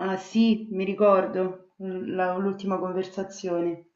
Ah sì, mi ricordo l'ultima conversazione.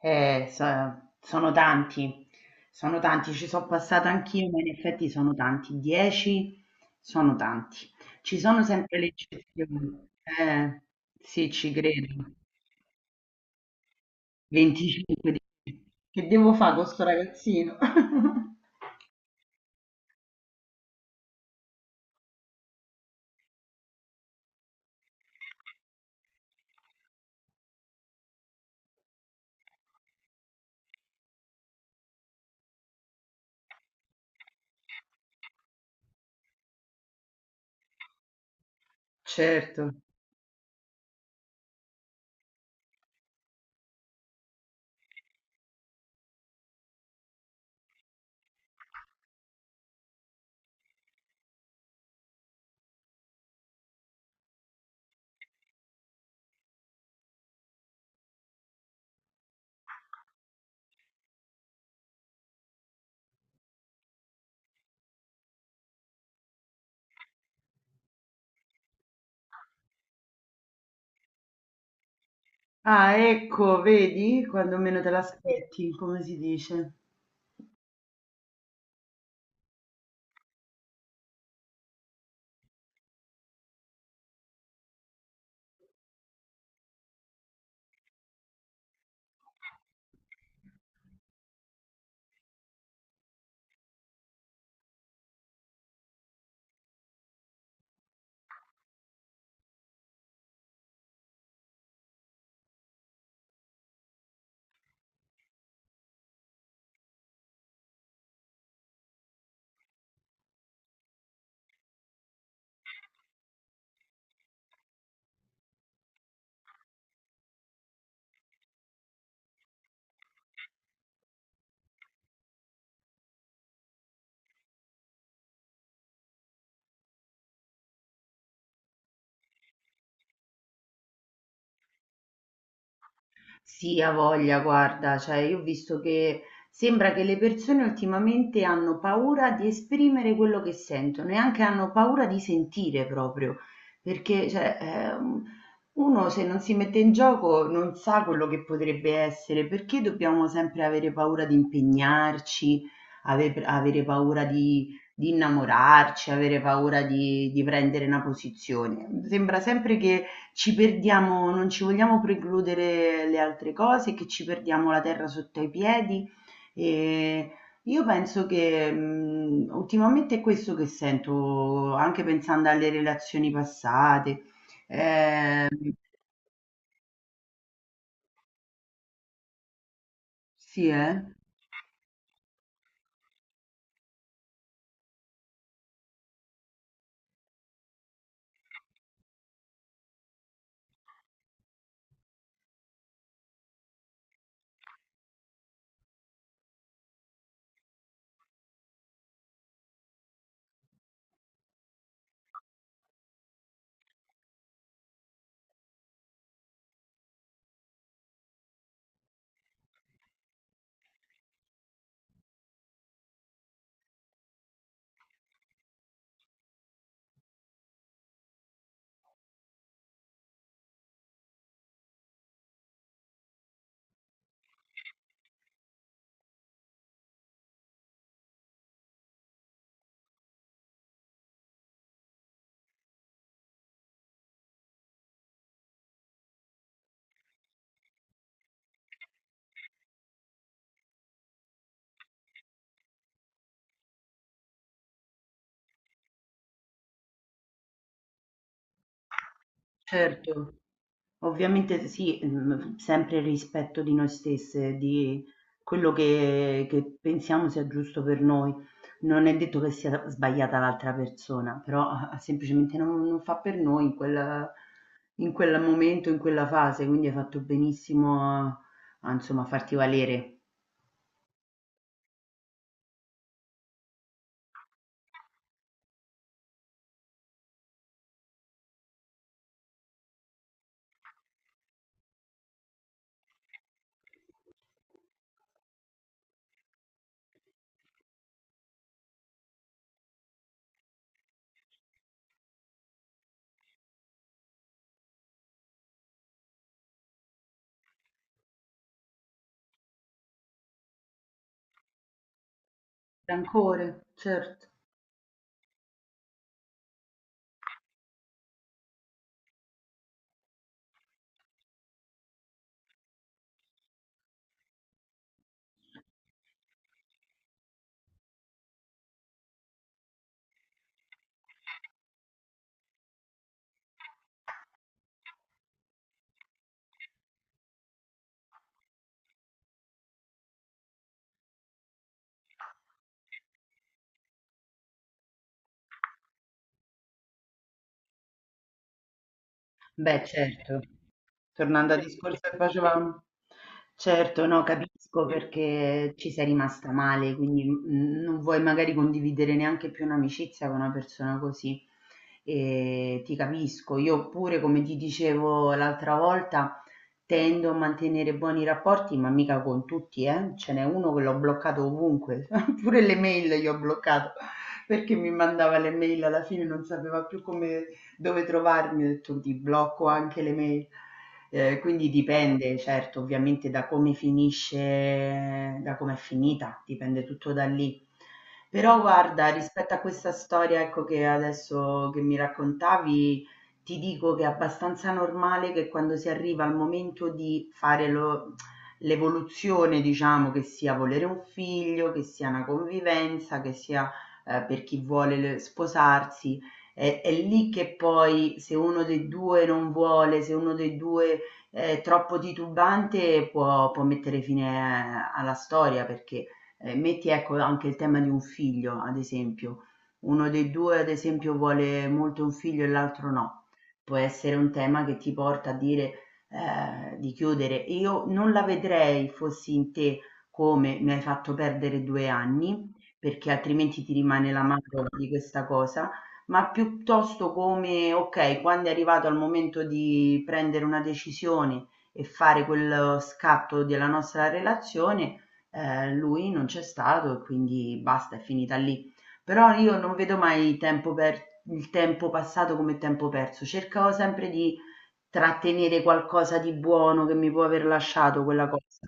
Sono tanti, sono tanti, ci sono passata anch'io, ma in effetti sono tanti, 10 sono tanti. Ci sono sempre le eccezioni. Sì, ci credo. 25 dici. Che devo fare con sto ragazzino? Certo. Ah, ecco, vedi, quando meno te l'aspetti, come si dice. Sì, ha voglia, guarda, cioè io ho visto che sembra che le persone ultimamente hanno paura di esprimere quello che sentono e anche hanno paura di sentire proprio, perché cioè, uno se non si mette in gioco non sa quello che potrebbe essere, perché dobbiamo sempre avere paura di impegnarci, avere paura di innamorarci, avere paura di prendere una posizione. Sembra sempre che ci perdiamo non ci vogliamo precludere le altre cose, che ci perdiamo la terra sotto ai piedi. E io penso che ultimamente è questo che sento, anche pensando alle relazioni passate. Eh, sì, certo. Ovviamente sì, mhmm, sempre il rispetto di noi stesse, di quello che pensiamo sia giusto per noi. Non è detto che sia sbagliata l'altra persona, però, semplicemente non fa per noi in quel momento, in quella fase, quindi hai fatto benissimo a insomma farti valere. Rancore, cer Beh, certo. Tornando al discorso che facevam Certo, no, capisco perché ci sei rimasta male, quindi, mhmm, non vuoi magari condividere neanche più un'amicizia con una persona così. Ti capisco. Io pure, come ti dicevo l'altra volta, tendo a mantenere buoni rapporti, ma mica con tutti, eh. Ce n'è uno che l'ho bloccato ovunque, pure le mail gli ho bloccato, perché mi mandava le mail alla fine non sapeva più come dove trovarmi? Ho detto: "Ti blocco anche le mail". Quindi dipende, certo, ovviamente da come finisce da com'è finita, dipende tutto da lì. Però guarda, rispetto a questa storia, ecco, che adesso che mi raccontavi, ti dico che è abbastanza normale che quando si arriva al momento di fare lo l'evoluzione, diciamo, che sia volere un figlio, che sia una convivenza, che sia, per chi vuole le sposarsi, è lì che poi se uno dei 2 non vuole, se uno dei 2 è troppo titubante può mettere fine alla storia perché, metti ecco anche il tema di un figlio, ad esempio. Uno dei 2 ad esempio vuole molto un figlio e l'altro no. Può essere un tema che ti porta a dire, di chiudere. Io non la vedrei, fossi in te, come: "Mi hai fatto perdere 2 anni", perché altrimenti ti rimane l'amaro di questa cosa ma piuttosto come: okay, quando è arrivato al momento di prendere una decisione e fare quello scatto della nostra relazione, lui non c'è stato e quindi basta, è finita lì. Però io non vedo mai tempo per il tempo passato come tempo perso, cercavo sempre di trattenere qualcosa di buono che mi può aver lasciato quella cosa.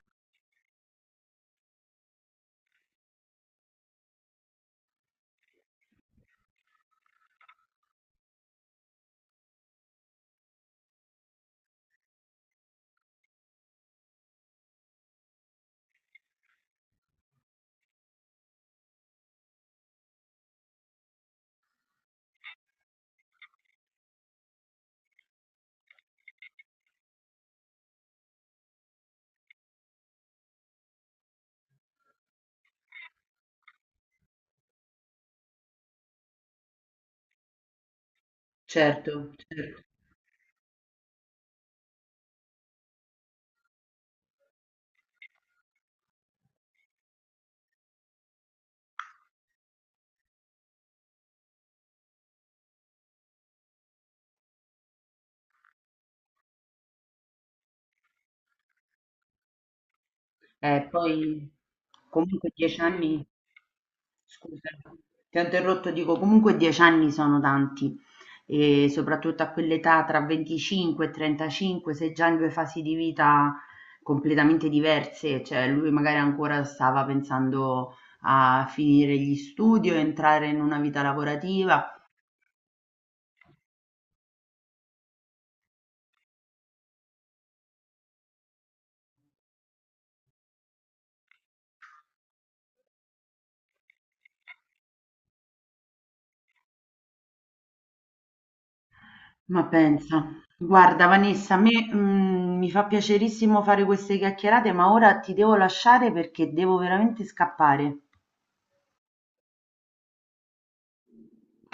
Certo. cer poi Comunque 10 anni, scusa, ti ho interrotto, dico comunque 10 anni sono tanti e soprattutto a quell'età tra 25 e 35 sei già in due fasi di vita completamente diverse, cioè lui magari ancora stava pensando a finire gli studi o entrare in una vita lavorativa, ma pensa, guarda Vanessa, a me mi fa piacerissimo fare queste chiacchierate, ma ora ti devo lasciare perché devo veramente scappare.